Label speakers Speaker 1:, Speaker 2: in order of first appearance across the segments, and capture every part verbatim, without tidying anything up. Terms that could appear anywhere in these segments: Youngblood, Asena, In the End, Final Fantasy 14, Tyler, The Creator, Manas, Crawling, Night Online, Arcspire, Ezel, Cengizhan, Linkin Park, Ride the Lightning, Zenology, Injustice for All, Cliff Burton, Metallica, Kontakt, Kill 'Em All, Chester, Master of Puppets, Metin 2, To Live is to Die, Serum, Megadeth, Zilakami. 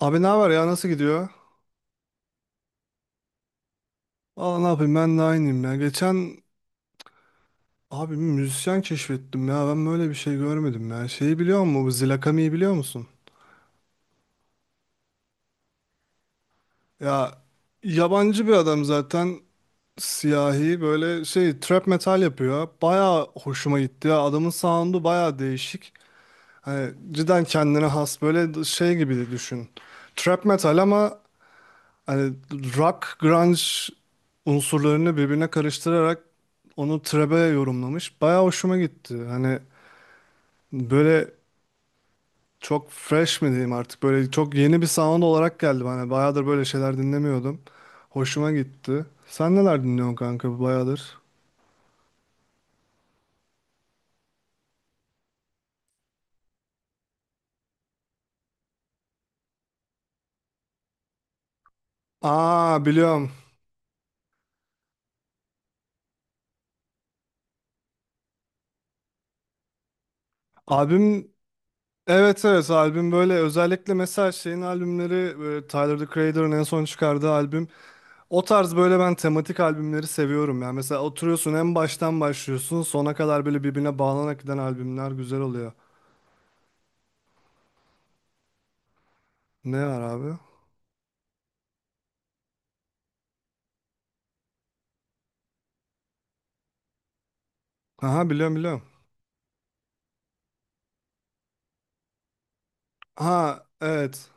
Speaker 1: Abi ne haber ya, nasıl gidiyor? Valla ne yapayım, ben de aynıyım ya. Geçen abi bir müzisyen keşfettim ya, ben böyle bir şey görmedim ya. Şeyi biliyor musun Bu Zilakami'yi biliyor musun? Ya yabancı bir adam zaten, siyahi böyle şey, trap metal yapıyor. Baya hoşuma gitti ya, adamın sound'u baya değişik. Hani cidden kendine has, böyle şey gibi düşün. Trap metal ama hani rock, grunge unsurlarını birbirine karıştırarak onu trebe yorumlamış. Bayağı hoşuma gitti. Hani böyle çok fresh mi diyeyim artık, böyle çok yeni bir sound olarak geldi bana. Bayağıdır böyle şeyler dinlemiyordum. Hoşuma gitti. Sen neler dinliyorsun kanka bayağıdır? Aa, biliyorum. Albüm evet evet, albüm böyle özellikle mesela şeyin albümleri, böyle Tyler, The Creator'ın en son çıkardığı albüm. O tarz, böyle ben tematik albümleri seviyorum. Yani mesela oturuyorsun, en baştan başlıyorsun, sona kadar böyle birbirine bağlanarak giden albümler güzel oluyor. Ne var abi? Aha biliyorum biliyorum. Ha evet.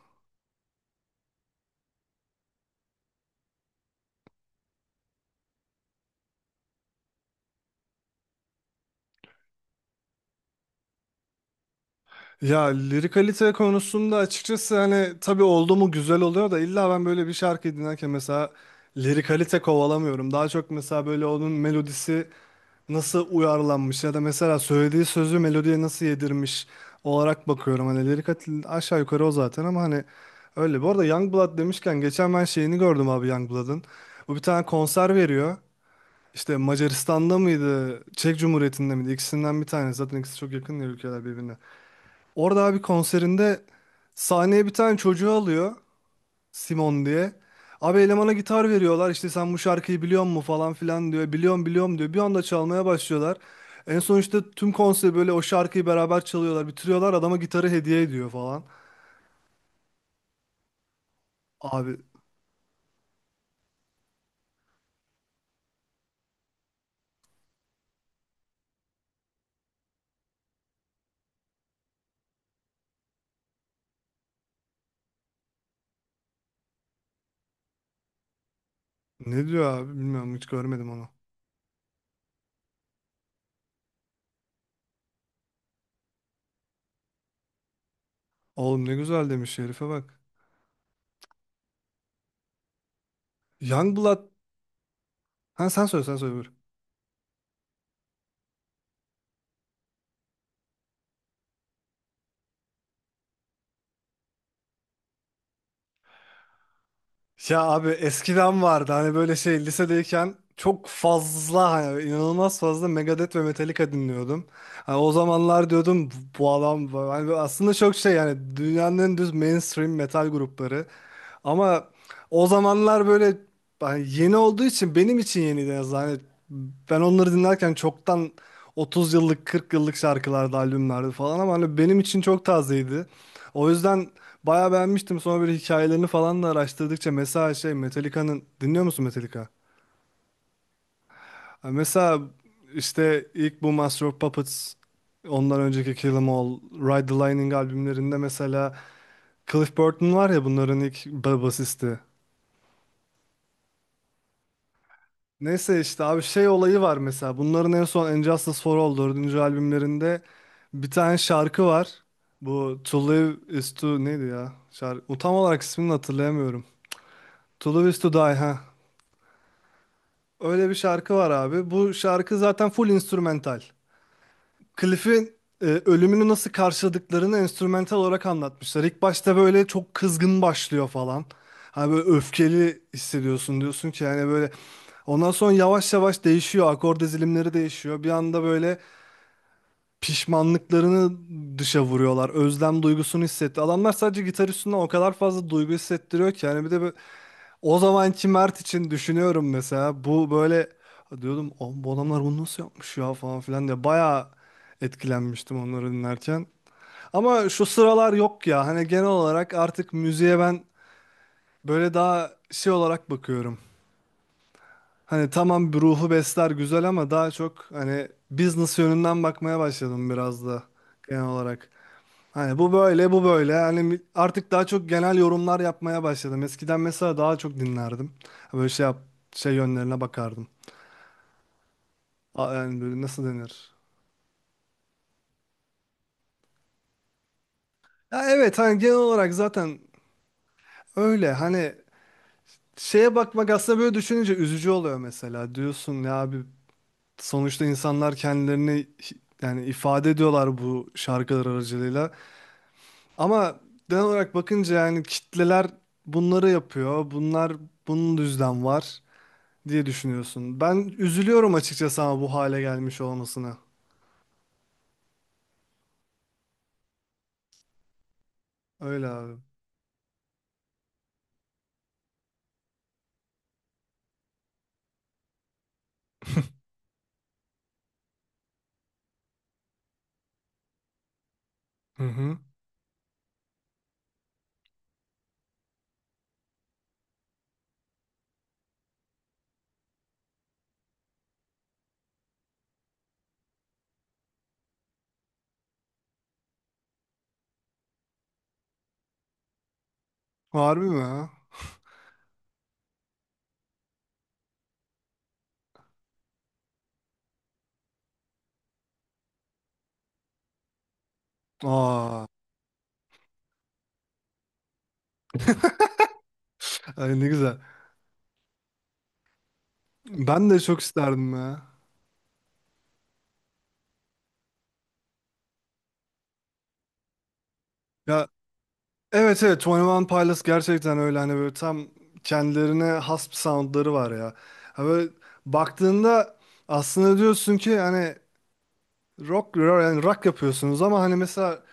Speaker 1: Ya lirikalite konusunda açıkçası hani, tabii oldu mu güzel oluyor da illa ben böyle bir şarkı dinlerken mesela lirikalite kovalamıyorum. Daha çok mesela böyle onun melodisi nasıl uyarlanmış, ya da mesela söylediği sözü melodiye nasıl yedirmiş olarak bakıyorum. Hani lirik at- aşağı yukarı o zaten, ama hani öyle. Bu arada Youngblood demişken geçen ben şeyini gördüm abi, Youngblood'ın. Bu bir tane konser veriyor. İşte Macaristan'da mıydı, Çek Cumhuriyeti'nde miydi? İkisinden bir tanesi. Zaten ikisi çok yakın ya, ülkeler birbirine. Orada abi konserinde sahneye bir tane çocuğu alıyor. Simon diye. Abi elemana gitar veriyorlar, işte sen bu şarkıyı biliyor musun falan filan diyor. Biliyorum biliyorum diyor. Bir anda çalmaya başlıyorlar. En son işte tüm konser böyle o şarkıyı beraber çalıyorlar. Bitiriyorlar, adama gitarı hediye ediyor falan. Abi ne diyor abi, bilmiyorum hiç görmedim onu. Oğlum ne güzel demiş herife, bak. Youngblood. Ha sen söyle, sen söyle, buyur. Ya abi eskiden vardı hani, böyle şey, lisedeyken çok fazla hani, inanılmaz fazla Megadeth ve Metallica dinliyordum. Hani o zamanlar diyordum, bu bu adam bu-" hani böyle aslında çok şey yani, dünyanın en düz mainstream metal grupları. Ama o zamanlar böyle, hani yeni olduğu için benim için yeniydi en azından. Hani ben onları dinlerken çoktan otuz yıllık kırk yıllık şarkılarda albümlerdi falan, ama hani benim için çok tazeydi. O yüzden bayağı beğenmiştim. Sonra böyle hikayelerini falan da araştırdıkça mesela şey Metallica'nın, dinliyor musun Metallica? Ha, mesela işte ilk bu Master of Puppets, ondan önceki Kill 'Em All, Ride the Lightning albümlerinde mesela Cliff Burton var ya, bunların ilk ba- basisti. Neyse işte abi şey olayı var, mesela bunların en son Injustice for All, dördüncü albümlerinde bir tane şarkı var. Bu To Live is to neydi ya? Şarkı, tam olarak ismini hatırlayamıyorum. To Live is to Die, ha. Öyle bir şarkı var abi. Bu şarkı zaten full instrumental. Cliff'in e, ölümünü nasıl karşıladıklarını enstrümantal olarak anlatmışlar. İlk başta böyle çok kızgın başlıyor falan. Hani böyle öfkeli hissediyorsun, diyorsun ki yani böyle. Ondan sonra yavaş yavaş değişiyor. Akor dizilimleri değişiyor. Bir anda böyle pişmanlıklarını dışa vuruyorlar. Özlem duygusunu hissetti. Adamlar sadece gitar üstünden o kadar fazla duygu hissettiriyor ki. Yani bir de o zamanki Mert için düşünüyorum mesela, bu böyle diyordum, "Oğlum bu adamlar bunu nasıl yapmış ya falan filan" diye bayağı etkilenmiştim onları dinlerken. Ama şu sıralar yok ya, hani genel olarak artık müziğe ben böyle daha şey olarak bakıyorum. Hani tamam bir ruhu besler güzel, ama daha çok hani business yönünden bakmaya başladım biraz da, genel olarak. Hani bu böyle, bu böyle. Hani artık daha çok genel yorumlar yapmaya başladım. Eskiden mesela daha çok dinlerdim. Böyle şey yap, şey yönlerine bakardım. A- Yani böyle nasıl denir? Ya evet, hani genel olarak zaten öyle. Hani şeye bakmak aslında böyle düşününce üzücü oluyor mesela. Diyorsun ya abi, sonuçta insanlar kendilerini hi- yani ifade ediyorlar bu şarkılar aracılığıyla. Ama genel olarak bakınca yani, kitleler bunları yapıyor. Bunlar bunun düzden var, diye düşünüyorsun. Ben üzülüyorum açıkçası, ama bu hale gelmiş olmasına. Öyle abi. Hı hı. Harbi mi ha? Aa, ay ne güzel. Ben de çok isterdim ya. Ya evet evet, twenty one Pilots gerçekten öyle, hani böyle tam kendilerine has bir soundları var ya. Ha böyle baktığında aslında diyorsun ki hani rock, yani rock yapıyorsunuz ama hani mesela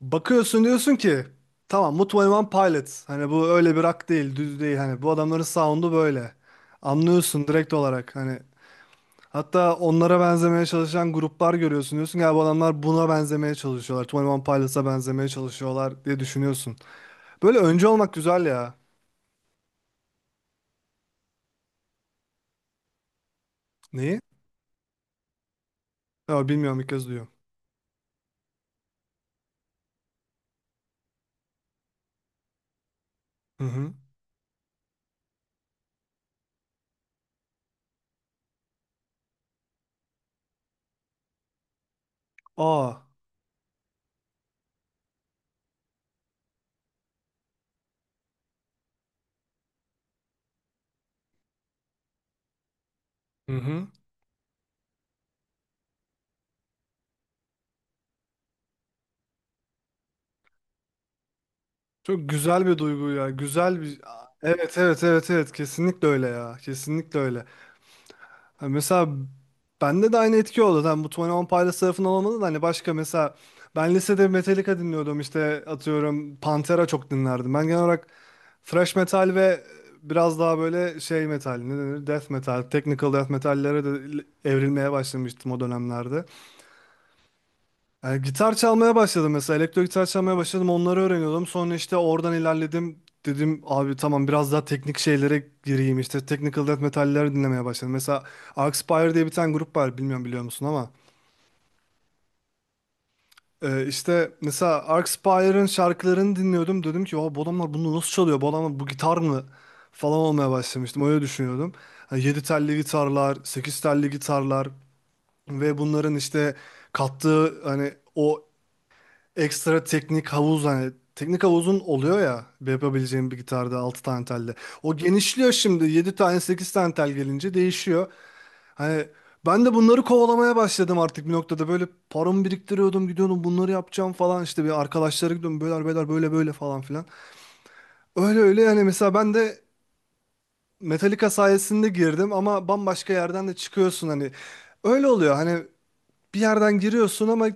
Speaker 1: bakıyorsun, diyorsun ki tamam Mutlu Pilots. Hani bu öyle bir rock değil, düz değil. Hani bu adamların sound'u böyle. Anlıyorsun direkt olarak. Hani hatta onlara benzemeye çalışan gruplar görüyorsun, diyorsun ya bu adamlar buna benzemeye çalışıyorlar. Twenty Pilots'a benzemeye çalışıyorlar diye düşünüyorsun. Böyle önce olmak güzel ya. Neyi? Ya bilmiyorum, ilk kez duyuyorum. Hı hı. Aa. Hı hı. Çok güzel bir duygu ya. Güzel bir Evet evet evet evet, kesinlikle öyle ya. Kesinlikle öyle. Ha, mesela bende de aynı etki oldu. Hani bu twenty one Pilots tarafından olmadı da hani, başka mesela ben lisede Metallica dinliyordum, işte atıyorum Pantera çok dinlerdim. Ben genel olarak thrash metal ve biraz daha böyle şey metal, ne denir, death metal, technical death metallere de evrilmeye başlamıştım o dönemlerde. Yani gitar çalmaya başladım mesela, elektro gitar çalmaya başladım, onları öğreniyordum, sonra işte oradan ilerledim, dedim abi tamam biraz daha teknik şeylere gireyim, işte technical death metalleri dinlemeye başladım mesela. Arcspire diye bir tane grup var, bilmiyorum biliyor musun ama, e, işte mesela Arcspire'ın şarkılarını dinliyordum, dedim ki o bu adamlar bunu nasıl çalıyor, bu adamlar bu gitar mı falan olmaya başlamıştım, öyle düşünüyordum. E, yedi telli gitarlar, sekiz telli gitarlar ve bunların işte kattığı hani o ekstra teknik havuz, hani teknik havuzun oluyor ya, yapabileceğim bir gitarda altı tane telle. O genişliyor, şimdi yedi tane sekiz tane tel gelince değişiyor. Hani ben de bunları kovalamaya başladım artık bir noktada, böyle paramı biriktiriyordum, gidiyordum bunları yapacağım falan, işte bir arkadaşlara gidiyordum, beyler beyler böyle böyle falan filan. Öyle öyle yani, mesela ben de Metallica sayesinde girdim ama bambaşka yerden de çıkıyorsun hani, öyle oluyor hani, bir yerden giriyorsun ama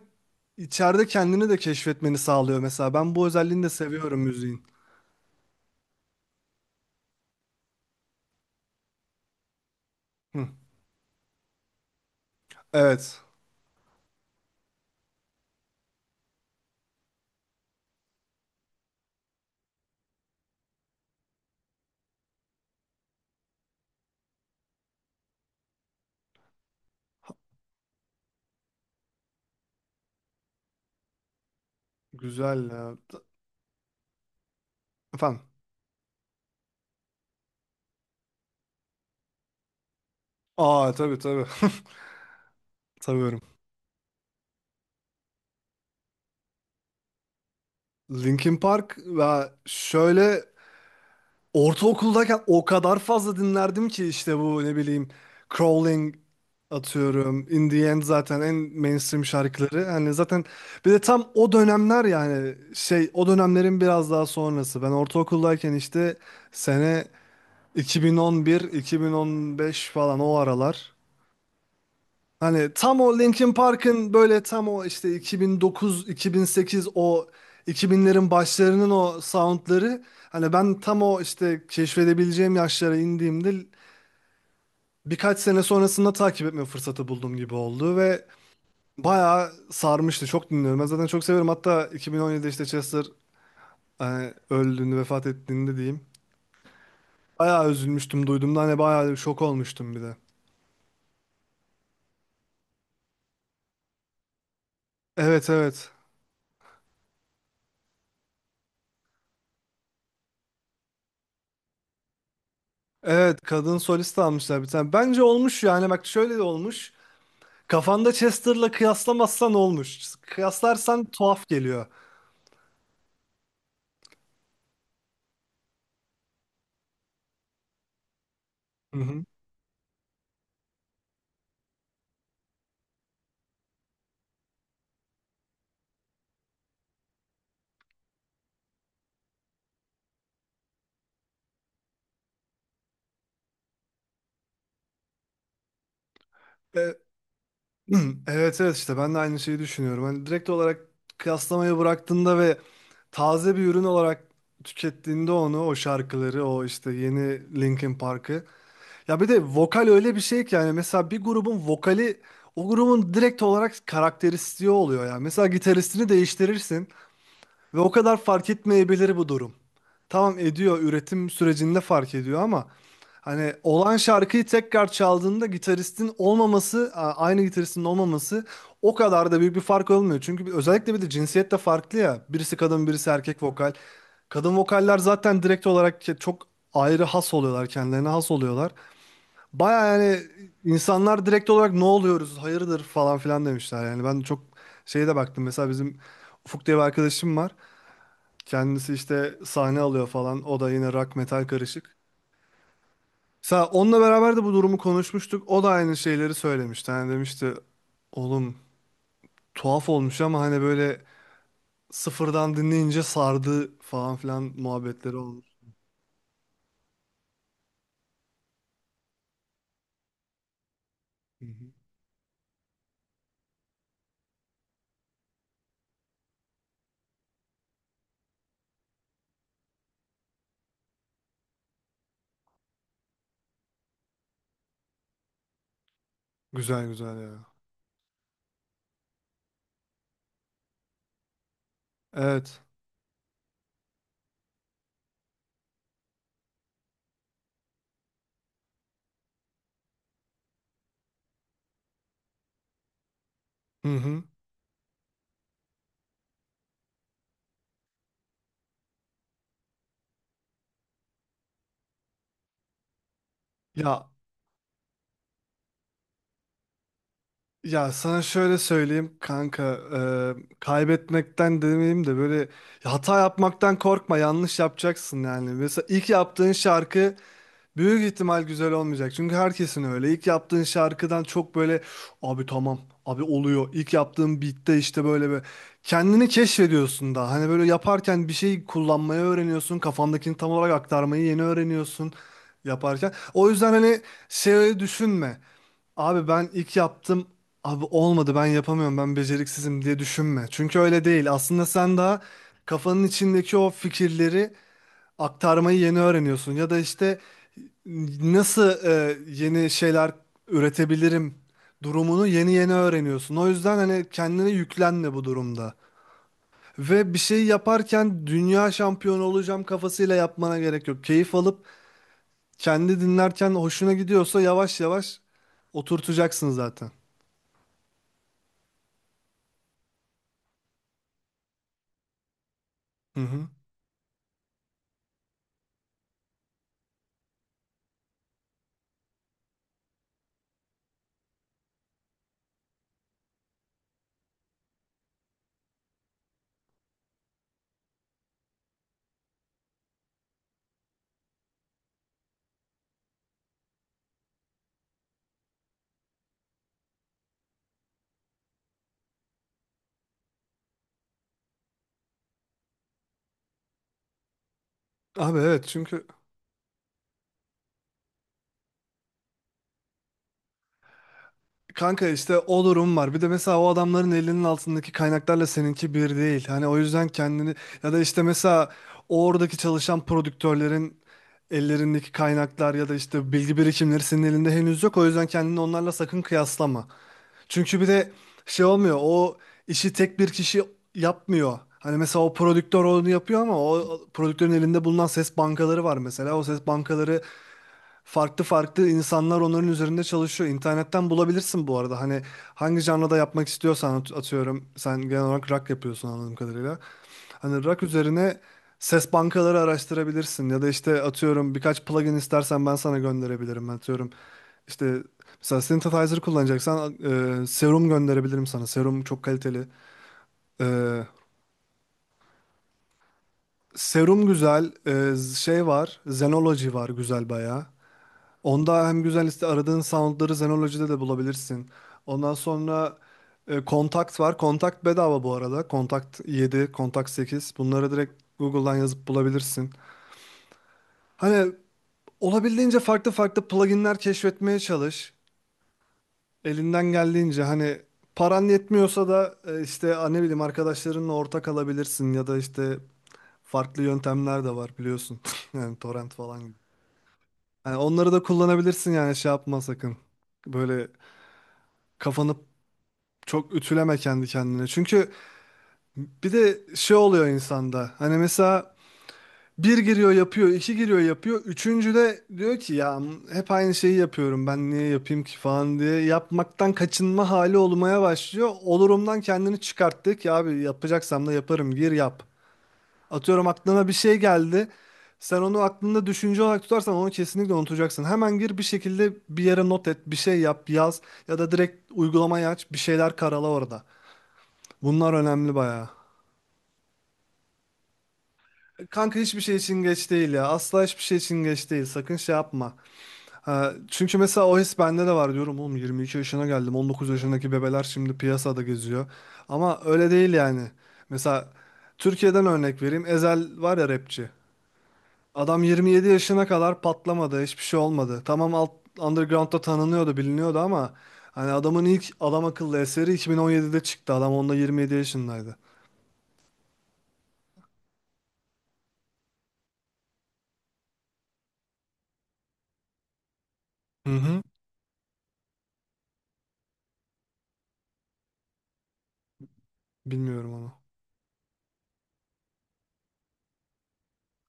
Speaker 1: içeride kendini de keşfetmeni sağlıyor mesela. Ben bu özelliğini de seviyorum müziğin. Hı. Evet. Güzel ya. Efendim. Aa tabii tabii. Tanıyorum. Linkin Park ve şöyle, ortaokuldayken o kadar fazla dinlerdim ki işte bu ne bileyim Crawling atıyorum. In the End zaten en mainstream şarkıları. Hani zaten bir de tam o dönemler, yani şey, o dönemlerin biraz daha sonrası. Ben ortaokuldayken işte sene iki bin on bir-iki bin on beş falan, o aralar. Hani tam o Linkin Park'ın böyle tam o işte iki bin dokuz-iki bin sekiz, o iki binlerin başlarının o soundları, hani ben tam o işte keşfedebileceğim yaşlara indiğimde birkaç sene sonrasında takip etme fırsatı bulduğum gibi oldu ve bayağı sarmıştı. Çok dinliyorum. Ben zaten çok severim. Hatta iki bin on yedide işte Chester hani öldüğünde, vefat ettiğinde diyeyim, bayağı üzülmüştüm duyduğumda. Hani bayağı şok olmuştum bir de. Evet evet. Evet, kadın solist almışlar bir tane. Bence olmuş yani, bak şöyle de olmuş. Kafanda Chester'la kıyaslamazsan olmuş. Kıyaslarsan tuhaf geliyor. Hı hı. E, evet evet, işte ben de aynı şeyi düşünüyorum. Hani direkt olarak kıyaslamayı bıraktığında ve taze bir ürün olarak tükettiğinde onu, o şarkıları, o işte yeni Linkin Park'ı. Ya bir de vokal öyle bir şey ki, yani mesela bir grubun vokali o grubun direkt olarak karakteristiği oluyor yani. Mesela gitaristini değiştirirsin. Ve o kadar fark etmeyebilir bu durum. Tamam ediyor, üretim sürecinde fark ediyor, ama hani olan şarkıyı tekrar çaldığında gitaristin olmaması, a- aynı gitaristin olmaması o kadar da büyük bir fark olmuyor. Çünkü bir- özellikle bir de cinsiyet de farklı ya. Birisi kadın, birisi erkek vokal. Kadın vokaller zaten direkt olarak ke- çok ayrı has oluyorlar, kendilerine has oluyorlar. Baya yani, insanlar direkt olarak ne oluyoruz, hayırdır falan filan demişler. Yani ben çok şeye de baktım. Mesela bizim Ufuk diye bir arkadaşım var. Kendisi işte sahne alıyor falan. O da yine rock metal karışık. Mesela onunla beraber de bu durumu konuşmuştuk. O da aynı şeyleri söylemişti. Hani demişti oğlum tuhaf olmuş ama hani böyle sıfırdan dinleyince sardı falan filan muhabbetleri olur. Hı hı. Güzel güzel ya. Evet. Hı hı. Ya ya sana şöyle söyleyeyim kanka, e, kaybetmekten demeyeyim de böyle, hata yapmaktan korkma, yanlış yapacaksın yani. Mesela ilk yaptığın şarkı büyük ihtimal güzel olmayacak. Çünkü herkesin öyle. İlk yaptığın şarkıdan çok böyle abi tamam abi oluyor. İlk yaptığın beat'te işte böyle bir kendini keşfediyorsun da. Hani böyle yaparken bir şey kullanmayı öğreniyorsun. Kafandakini tam olarak aktarmayı yeni öğreniyorsun yaparken. O yüzden hani şey düşünme. Abi ben ilk yaptım, abi olmadı, ben yapamıyorum, ben beceriksizim diye düşünme. Çünkü öyle değil. Aslında sen daha kafanın içindeki o fikirleri aktarmayı yeni öğreniyorsun. Ya da işte nasıl e, yeni şeyler üretebilirim durumunu yeni yeni öğreniyorsun. O yüzden hani kendine yüklenme bu durumda. Ve bir şey yaparken dünya şampiyonu olacağım kafasıyla yapmana gerek yok. Keyif alıp kendi dinlerken hoşuna gidiyorsa yavaş yavaş oturtacaksın zaten. Hı hı. Abi evet, çünkü kanka işte o durum var. Bir de mesela o adamların elinin altındaki kaynaklarla seninki bir değil. Hani o yüzden kendini, ya da işte mesela oradaki çalışan prodüktörlerin ellerindeki kaynaklar ya da işte bilgi birikimleri senin elinde henüz yok. O yüzden kendini onlarla sakın kıyaslama. Çünkü bir de şey olmuyor. O işi tek bir kişi yapmıyor. Hani mesela o prodüktör onu yapıyor ama o prodüktörün elinde bulunan ses bankaları var mesela. O ses bankaları farklı farklı insanlar onların üzerinde çalışıyor. İnternetten bulabilirsin bu arada. Hani hangi janrada yapmak istiyorsan at- atıyorum. Sen genel olarak rock yapıyorsun anladığım kadarıyla. Hani rock üzerine ses bankaları araştırabilirsin. Ya da işte atıyorum birkaç plugin istersen ben sana gönderebilirim. Atıyorum işte mesela synthesizer kullanacaksan e, Serum gönderebilirim sana. Serum çok kaliteli. E, Serum güzel. E, şey var. Zenology var, güzel bayağı. Onda hem güzel liste, aradığın soundları Zenology'de de bulabilirsin. Ondan sonra e, Kontakt var. Kontakt bedava bu arada. Kontakt yedi, Kontakt sekiz. Bunları direkt Google'dan yazıp bulabilirsin. Hani olabildiğince farklı farklı pluginler keşfetmeye çalış. Elinden geldiğince hani paran yetmiyorsa da e, işte a, ne bileyim arkadaşlarınla ortak alabilirsin ya da işte farklı yöntemler de var biliyorsun. Yani torrent falan gibi. Hani onları da kullanabilirsin, yani şey yapma sakın. Böyle kafanı çok ütüleme kendi kendine. Çünkü bir de şey oluyor insanda. Hani mesela bir giriyor yapıyor, iki giriyor yapıyor. Üçüncü de diyor ki ya hep aynı şeyi yapıyorum, ben niye yapayım ki falan diye. Yapmaktan kaçınma hali olmaya başlıyor. Olurumdan kendini çıkarttık ya abi, yapacaksam da yaparım, gir yap. Atıyorum aklına bir şey geldi. Sen onu aklında düşünce olarak tutarsan onu kesinlikle unutacaksın. Hemen gir bir şekilde, bir yere not et, bir şey yap, yaz ya da direkt uygulamayı aç, bir şeyler karala orada. Bunlar önemli bayağı. Kanka hiçbir şey için geç değil ya. Asla hiçbir şey için geç değil. Sakın şey yapma. Ha, çünkü mesela o his bende de var diyorum. Oğlum yirmi iki yaşına geldim. on dokuz yaşındaki bebeler şimdi piyasada geziyor. Ama öyle değil yani. Mesela Türkiye'den örnek vereyim. Ezel var ya, rapçi. Adam yirmi yedi yaşına kadar patlamadı. Hiçbir şey olmadı. Tamam alt, underground'da tanınıyordu, biliniyordu ama hani adamın ilk adam akıllı eseri iki bin on yedide çıktı. Adam onda yirmi yedi yaşındaydı. Hı hı. Bilmiyorum onu.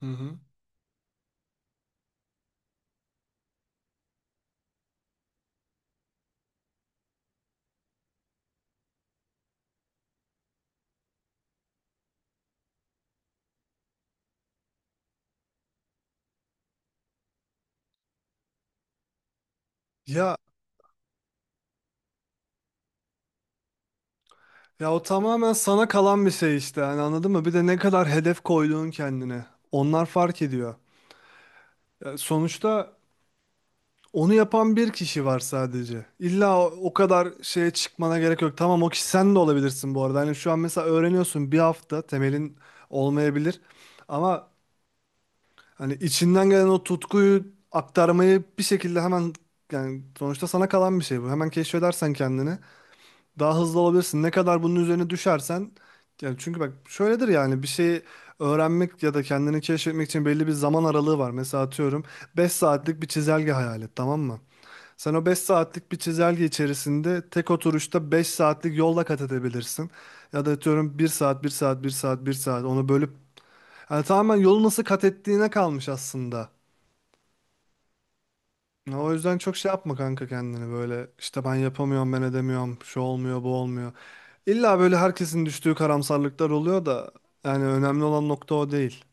Speaker 1: Hı hı. Ya Ya o tamamen sana kalan bir şey işte. Hani anladın mı? Bir de ne kadar hedef koyduğun kendine. Onlar fark ediyor. Ya sonuçta onu yapan bir kişi var sadece. İlla o, o kadar şeye çıkmana gerek yok. Tamam, o kişi sen de olabilirsin bu arada. Hani şu an mesela öğreniyorsun, bir hafta temelin olmayabilir. Ama hani içinden gelen o tutkuyu aktarmayı bir şekilde hemen, yani sonuçta sana kalan bir şey bu. Hemen keşfedersen kendini, daha hızlı olabilirsin. Ne kadar bunun üzerine düşersen, yani çünkü bak şöyledir, yani bir şeyi öğrenmek ya da kendini keşfetmek için belli bir zaman aralığı var. Mesela atıyorum beş saatlik bir çizelge hayal et, tamam mı? Sen o beş saatlik bir çizelge içerisinde tek oturuşta beş saatlik yolla kat edebilirsin. Ya da atıyorum bir saat, bir saat, bir saat, bir saat onu bölüp, yani tamamen yolu nasıl kat ettiğine kalmış aslında. Ya o yüzden çok şey yapma kanka kendini, böyle işte ben yapamıyorum, ben edemiyorum, şu olmuyor bu olmuyor. İlla böyle herkesin düştüğü karamsarlıklar oluyor da yani önemli olan nokta o değil.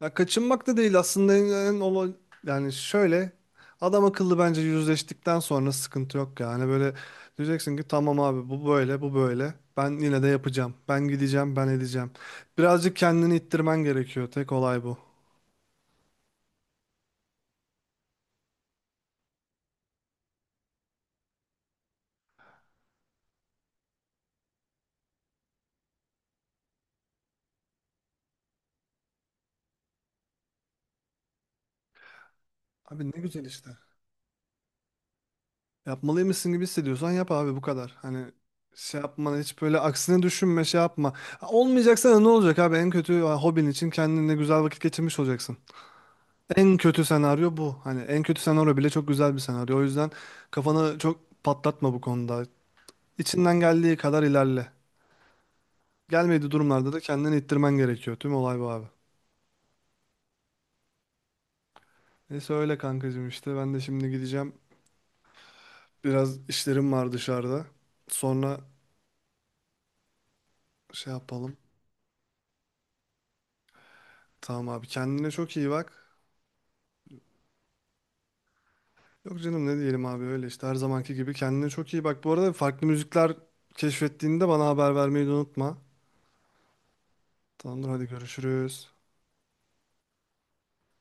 Speaker 1: Ya kaçınmak da değil aslında, en, en ola- yani şöyle adam akıllı bence yüzleştikten sonra sıkıntı yok. Yani böyle diyeceksin ki tamam abi, bu böyle bu böyle, ben yine de yapacağım, ben gideceğim, ben edeceğim. Birazcık kendini ittirmen gerekiyor, tek olay bu. Abi ne güzel işte. Yapmalıymışsın gibi hissediyorsan yap abi, bu kadar. Hani şey yapma hiç, böyle aksine düşünme, şey yapma. Ha, olmayacaksa da ne olacak abi, en kötü ha, hobin için kendine güzel vakit geçirmiş olacaksın. En kötü senaryo bu. Hani en kötü senaryo bile çok güzel bir senaryo. O yüzden kafanı çok patlatma bu konuda. İçinden geldiği kadar ilerle. Gelmediği durumlarda da kendini ittirmen gerekiyor. Tüm olay bu abi. Neyse öyle kankacığım işte. Ben de şimdi gideceğim. Biraz işlerim var dışarıda. Sonra şey yapalım. Tamam abi, kendine çok iyi bak. Yok canım, ne diyelim abi, öyle işte her zamanki gibi kendine çok iyi bak. Bu arada farklı müzikler keşfettiğinde bana haber vermeyi de unutma. Tamamdır, hadi görüşürüz.